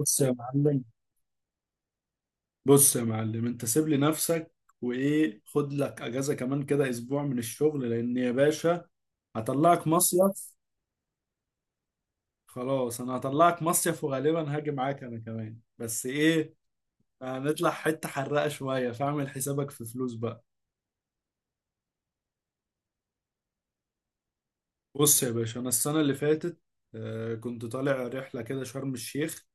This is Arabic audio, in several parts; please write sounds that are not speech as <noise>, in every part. بص يا معلم بص يا معلم، انت سيب لي نفسك، وايه خد لك اجازه كمان كده اسبوع من الشغل، لان يا باشا هطلعك مصيف. خلاص انا هطلعك مصيف وغالبا هاجي معاك انا كمان، بس ايه هنطلع حته حرقه شويه، فاعمل حسابك في فلوس بقى. بص يا باشا، انا السنه اللي فاتت كنت طالع رحله كده شرم الشيخ،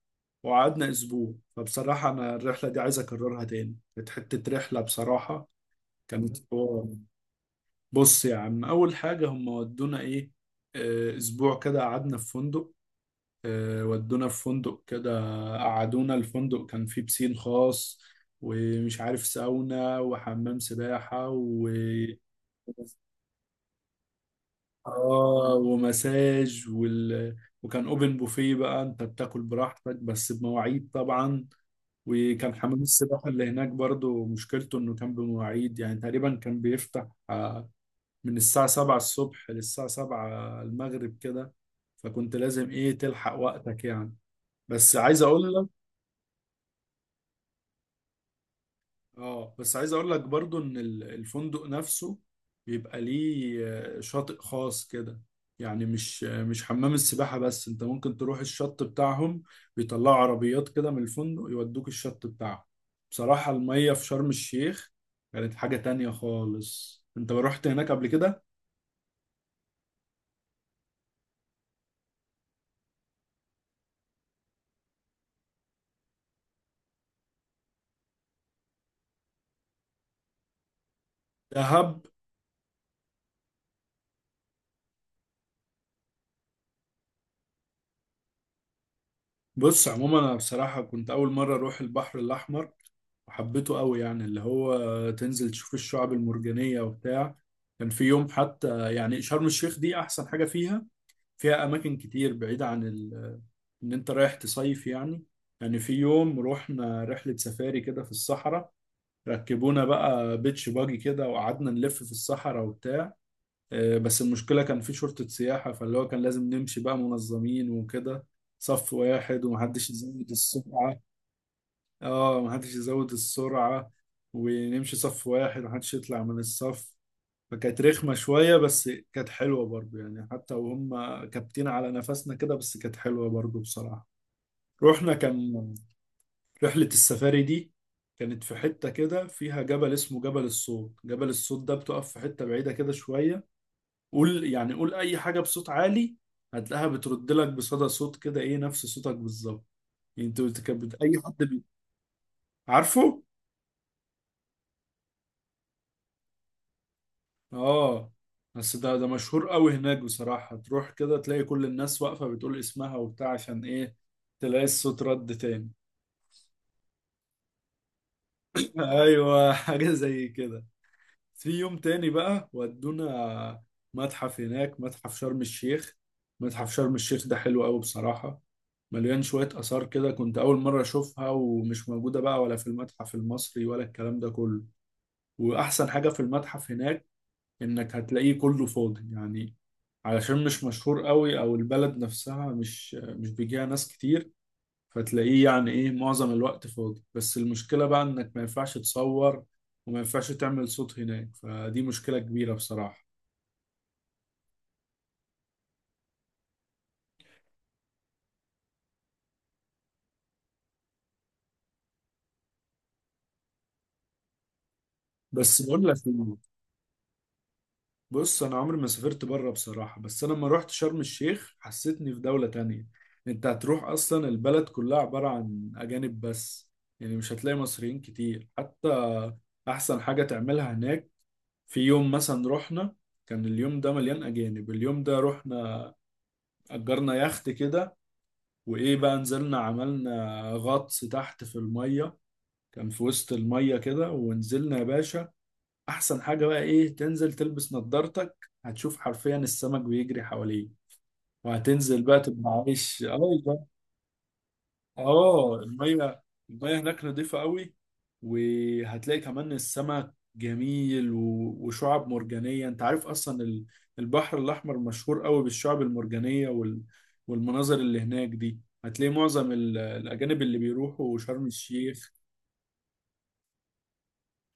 وقعدنا اسبوع. فبصراحه انا الرحله دي عايز اكررها تاني، كانت حته رحله بصراحه، كانت حوار. بص يا عم، أول حاجة هم ودونا إيه. أسبوع كده قعدنا في فندق. ودونا في فندق كده، قعدونا الفندق، كان فيه بسين خاص، ومش عارف ساونا وحمام سباحة، و ومساج وكان أوبن بوفيه، بقى أنت بتاكل براحتك بس بمواعيد طبعا. وكان حمام السباحة اللي هناك برضو مشكلته إنه كان بمواعيد، يعني تقريبا كان بيفتح من الساعة 7 الصبح للساعة 7 المغرب كده، فكنت لازم ايه تلحق وقتك يعني. بس عايز اقول لك اه بس عايز اقول لك برضو ان الفندق نفسه بيبقى ليه شاطئ خاص كده. يعني مش حمام السباحة بس، انت ممكن تروح الشط بتاعهم. بيطلعوا عربيات كده من الفندق يودوك الشط بتاعهم. بصراحة المية في شرم الشيخ كانت حاجة تانية خالص. انت رحت هناك قبل كده؟ دهب. بص عموما، انا بصراحه كنت اول مره اروح البحر الاحمر، وحبيته قوي، يعني اللي هو تنزل تشوف الشعاب المرجانيه وبتاع. كان في يوم حتى، يعني شرم الشيخ دي احسن حاجه فيها، فيها اماكن كتير بعيده عن ان انت رايح تصيف يعني. يعني في يوم رحنا رحله سفاري كده في الصحراء، ركبونا بقى بيتش باجي كده وقعدنا نلف في الصحراء وبتاع. بس المشكلة كان في شرطة سياحة، فاللي هو كان لازم نمشي بقى منظمين وكده، صف واحد ومحدش يزود السرعة. اه، محدش يزود السرعة ونمشي صف واحد، محدش يطلع من الصف. فكانت رخمة شوية، بس كانت حلوة برضو، يعني حتى وهم كابتين على نفسنا كده، بس كانت حلوة برضو بصراحة. رحنا كان رحلة السفاري دي كانت في حتة كده فيها جبل اسمه جبل الصوت. جبل الصوت ده بتقف في حتة بعيدة كده شوية، قول يعني قول اي حاجه بصوت عالي، هتلاقيها بترد لك بصدى صوت كده، ايه نفس صوتك بالظبط. يعني انت بت- كانت بت- اي حد بي... عارفه. اه، بس ده مشهور قوي هناك بصراحه، تروح كده تلاقي كل الناس واقفه بتقول اسمها وبتاع، عشان ايه تلاقي الصوت رد تاني. <laughs> ايوه، حاجه زي كده. في يوم تاني بقى ودونا متحف هناك، متحف شرم الشيخ. متحف شرم الشيخ ده حلو قوي بصراحة، مليان شوية آثار كده كنت أول مرة أشوفها، ومش موجودة بقى ولا في المتحف المصري ولا الكلام ده كله. وأحسن حاجة في المتحف هناك، إنك هتلاقيه كله فاضي يعني، علشان مش مشهور قوي، أو البلد نفسها مش بيجيها ناس كتير. فتلاقيه يعني ايه معظم الوقت فاضي، بس المشكلة بقى انك ما ينفعش تصور وما ينفعش تعمل صوت هناك، فدي مشكلة كبيرة بصراحة. بس بقول لك إيه، بص انا عمري ما سافرت بره بصراحة، بس انا لما رحت شرم الشيخ حسيتني في دولة تانية. انت هتروح اصلا البلد كلها عبارة عن اجانب بس، يعني مش هتلاقي مصريين كتير حتى. احسن حاجة تعملها هناك، في يوم مثلا رحنا، كان اليوم ده مليان اجانب. اليوم ده رحنا اجرنا يخت كده، وايه بقى نزلنا عملنا غطس تحت في الميه، كان في وسط الميه كده، ونزلنا يا باشا. احسن حاجه بقى ايه، تنزل تلبس نظارتك هتشوف حرفيا السمك بيجري حواليه، وهتنزل بقى تبقى عايش. اه. اه المية، المية هناك نضيفة قوي، وهتلاقي كمان السمك جميل وشعاب مرجانية. انت عارف اصلا البحر الاحمر مشهور قوي بالشعاب المرجانية والمناظر اللي هناك دي، هتلاقي معظم الاجانب اللي بيروحوا شرم الشيخ.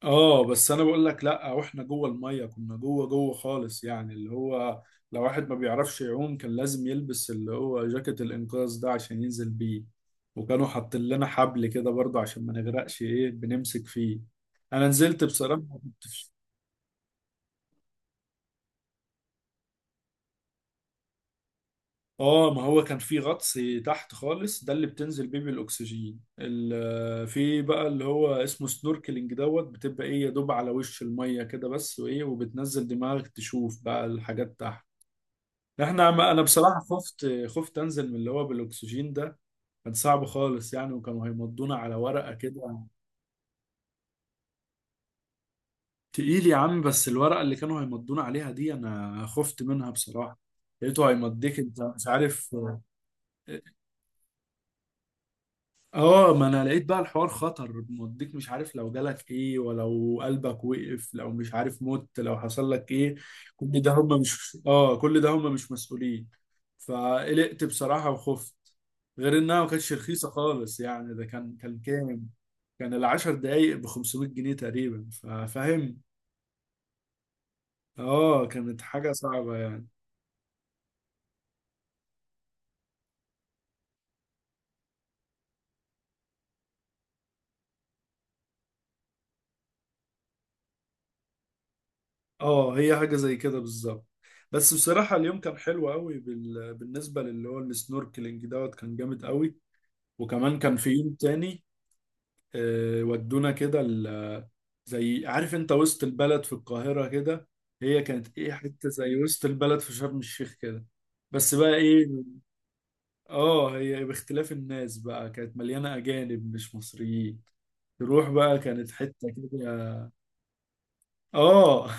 اه بس انا بقول لك، لا واحنا جوه الميه كنا جوه جوه خالص، يعني اللي هو لو واحد ما بيعرفش يعوم كان لازم يلبس اللي هو جاكيت الانقاذ ده عشان ينزل بيه. وكانوا حاطين لنا حبل كده برضه عشان ما نغرقش، ايه بنمسك فيه. انا نزلت بصراحه ما كنتش- اه ما هو كان في غطس تحت خالص، ده اللي بتنزل بيه بالاكسجين في بقى اللي هو اسمه سنوركلينج دوت، بتبقى ايه يا دوب على وش الميه كده بس، وايه وبتنزل دماغك تشوف بقى الحاجات تحت. انا بصراحه خفت انزل من اللي هو بالاكسجين ده، كان صعب خالص يعني، وكانوا هيمضونا على ورقه كده. تقيل يا عم، بس الورقه اللي كانوا هيمضونا عليها دي انا خفت منها بصراحه. لقيته هيمضيك انت مش عارف، اه ما انا لقيت بقى الحوار خطر موديك، مش عارف لو جالك ايه، ولو قلبك وقف، لو مش عارف مت، لو حصل لك ايه. كل ده هم مش مسؤولين، فقلقت بصراحة وخفت. غير انها ما كانتش رخيصة خالص يعني، ده كان كام، كان العشر دقايق ب 500 جنيه تقريبا، ففاهم. اه كانت حاجة صعبة يعني. اه هي حاجة زي كده بالظبط، بس بصراحة اليوم كان حلو قوي بالنسبة للي هو السنوركلينج دوت، كان جامد قوي. وكمان كان في يوم تاني، آه، ودونا كده ال- زي عارف انت وسط البلد في القاهرة كده، هي كانت ايه حتة زي وسط البلد في شرم الشيخ كده، بس بقى ايه، اه هي باختلاف الناس بقى كانت مليانة أجانب مش مصريين. تروح بقى كانت حتة كده. اه. <laughs>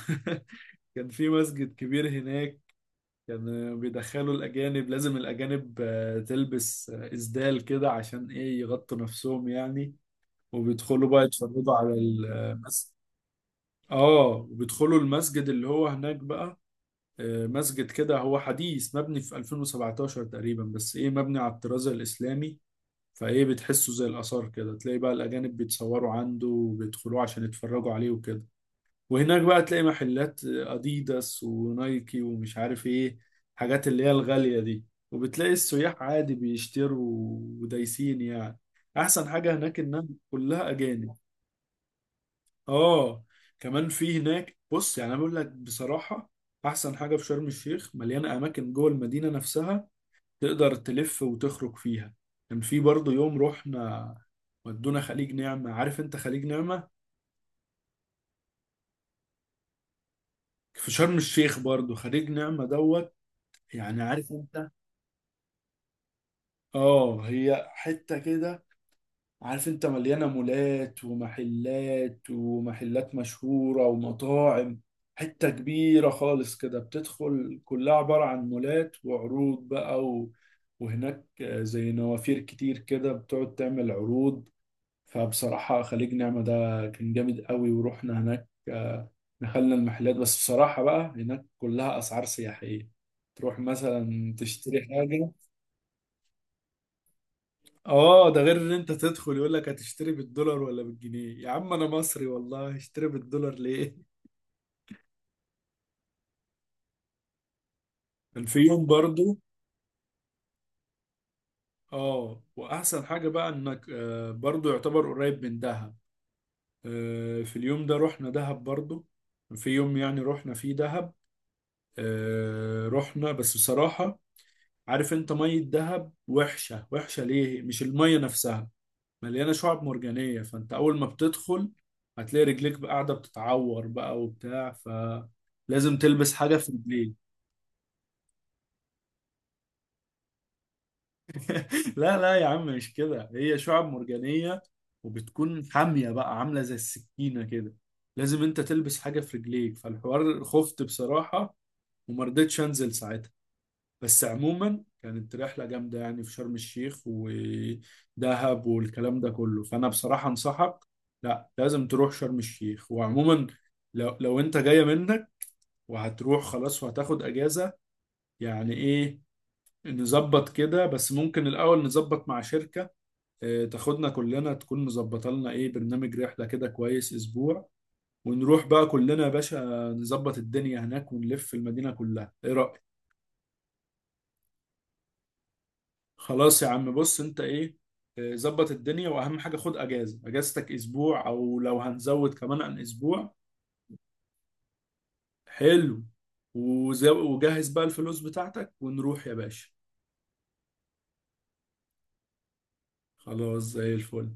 كان في مسجد كبير هناك، كان بيدخلوا الأجانب، لازم الأجانب تلبس إسدال كده عشان ايه يغطوا نفسهم يعني، وبيدخلوا بقى يتفرجوا على المسجد. اه، وبيدخلوا المسجد اللي هو هناك بقى، مسجد كده هو حديث مبني في 2017 تقريبا، بس ايه مبني على الطراز الإسلامي. فايه بتحسه زي الآثار كده، تلاقي بقى الأجانب بيتصوروا عنده وبيدخلوه عشان يتفرجوا عليه وكده. وهناك بقى تلاقي محلات أديداس ونايكي ومش عارف ايه، حاجات اللي هي الغالية دي، وبتلاقي السياح عادي بيشتروا ودايسين يعني. أحسن حاجة هناك إنها كلها أجانب. اه. كمان في هناك، بص يعني انا بقول لك بصراحه، احسن حاجه في شرم الشيخ مليانه اماكن جوه المدينه نفسها تقدر تلف وتخرج فيها. كان في برضه يوم رحنا، ودونا خليج نعمه. عارف انت خليج نعمه؟ في شرم الشيخ برضه خليج نعمه دوت، يعني عارف انت. اه هي حته كده عارف انت، مليانة مولات ومحلات مشهورة ومطاعم. حتة كبيرة خالص كده بتدخل كلها عبارة عن مولات وعروض بقى وهناك زي نوافير كتير كده بتقعد تعمل عروض. فبصراحة خليج نعمة ده كان جامد قوي، ورحنا هناك، دخلنا المحلات. بس بصراحة بقى هناك كلها أسعار سياحية، تروح مثلا تشتري حاجة. اه ده غير ان انت تدخل يقول لك هتشتري بالدولار ولا بالجنيه. يا عم انا مصري والله، هشتري بالدولار ليه؟ كان في يوم برضو، اه واحسن حاجة بقى انك برضو يعتبر قريب من دهب. في اليوم ده رحنا دهب برضو. في يوم يعني رحنا فيه دهب، رحنا. بس بصراحة، عارف انت مية دهب وحشة، وحشة ليه؟ مش المية نفسها، مليانه شعب مرجانيه، فانت اول ما بتدخل هتلاقي رجليك بقى قاعده بتتعور بقى وبتاع، فلازم تلبس حاجه في رجليك. <laughs> لا لا يا عم مش كده، هي شعب مرجانيه وبتكون حاميه بقى عامله زي السكينه كده، لازم انت تلبس حاجه في رجليك. فالحوار خفت بصراحه وما رضيتش انزل ساعتها. بس عموما كانت رحلة جامدة يعني في شرم الشيخ ودهب والكلام ده كله، فأنا بصراحة أنصحك لا لازم تروح شرم الشيخ. وعموما لو أنت جاية منك وهتروح خلاص وهتاخد أجازة، يعني إيه نظبط كده. بس ممكن الأول نظبط مع شركة تاخدنا كلنا، تكون مظبطة لنا إيه برنامج رحلة كده كويس أسبوع، ونروح بقى كلنا يا باشا، نظبط الدنيا هناك ونلف المدينة كلها. إيه رأيك؟ خلاص يا عم، بص انت ايه، ظبط الدنيا، واهم حاجه خد اجازه، اجازتك اسبوع او لو هنزود كمان عن اسبوع. حلو. وجهز بقى الفلوس بتاعتك ونروح يا باشا. خلاص زي الفل.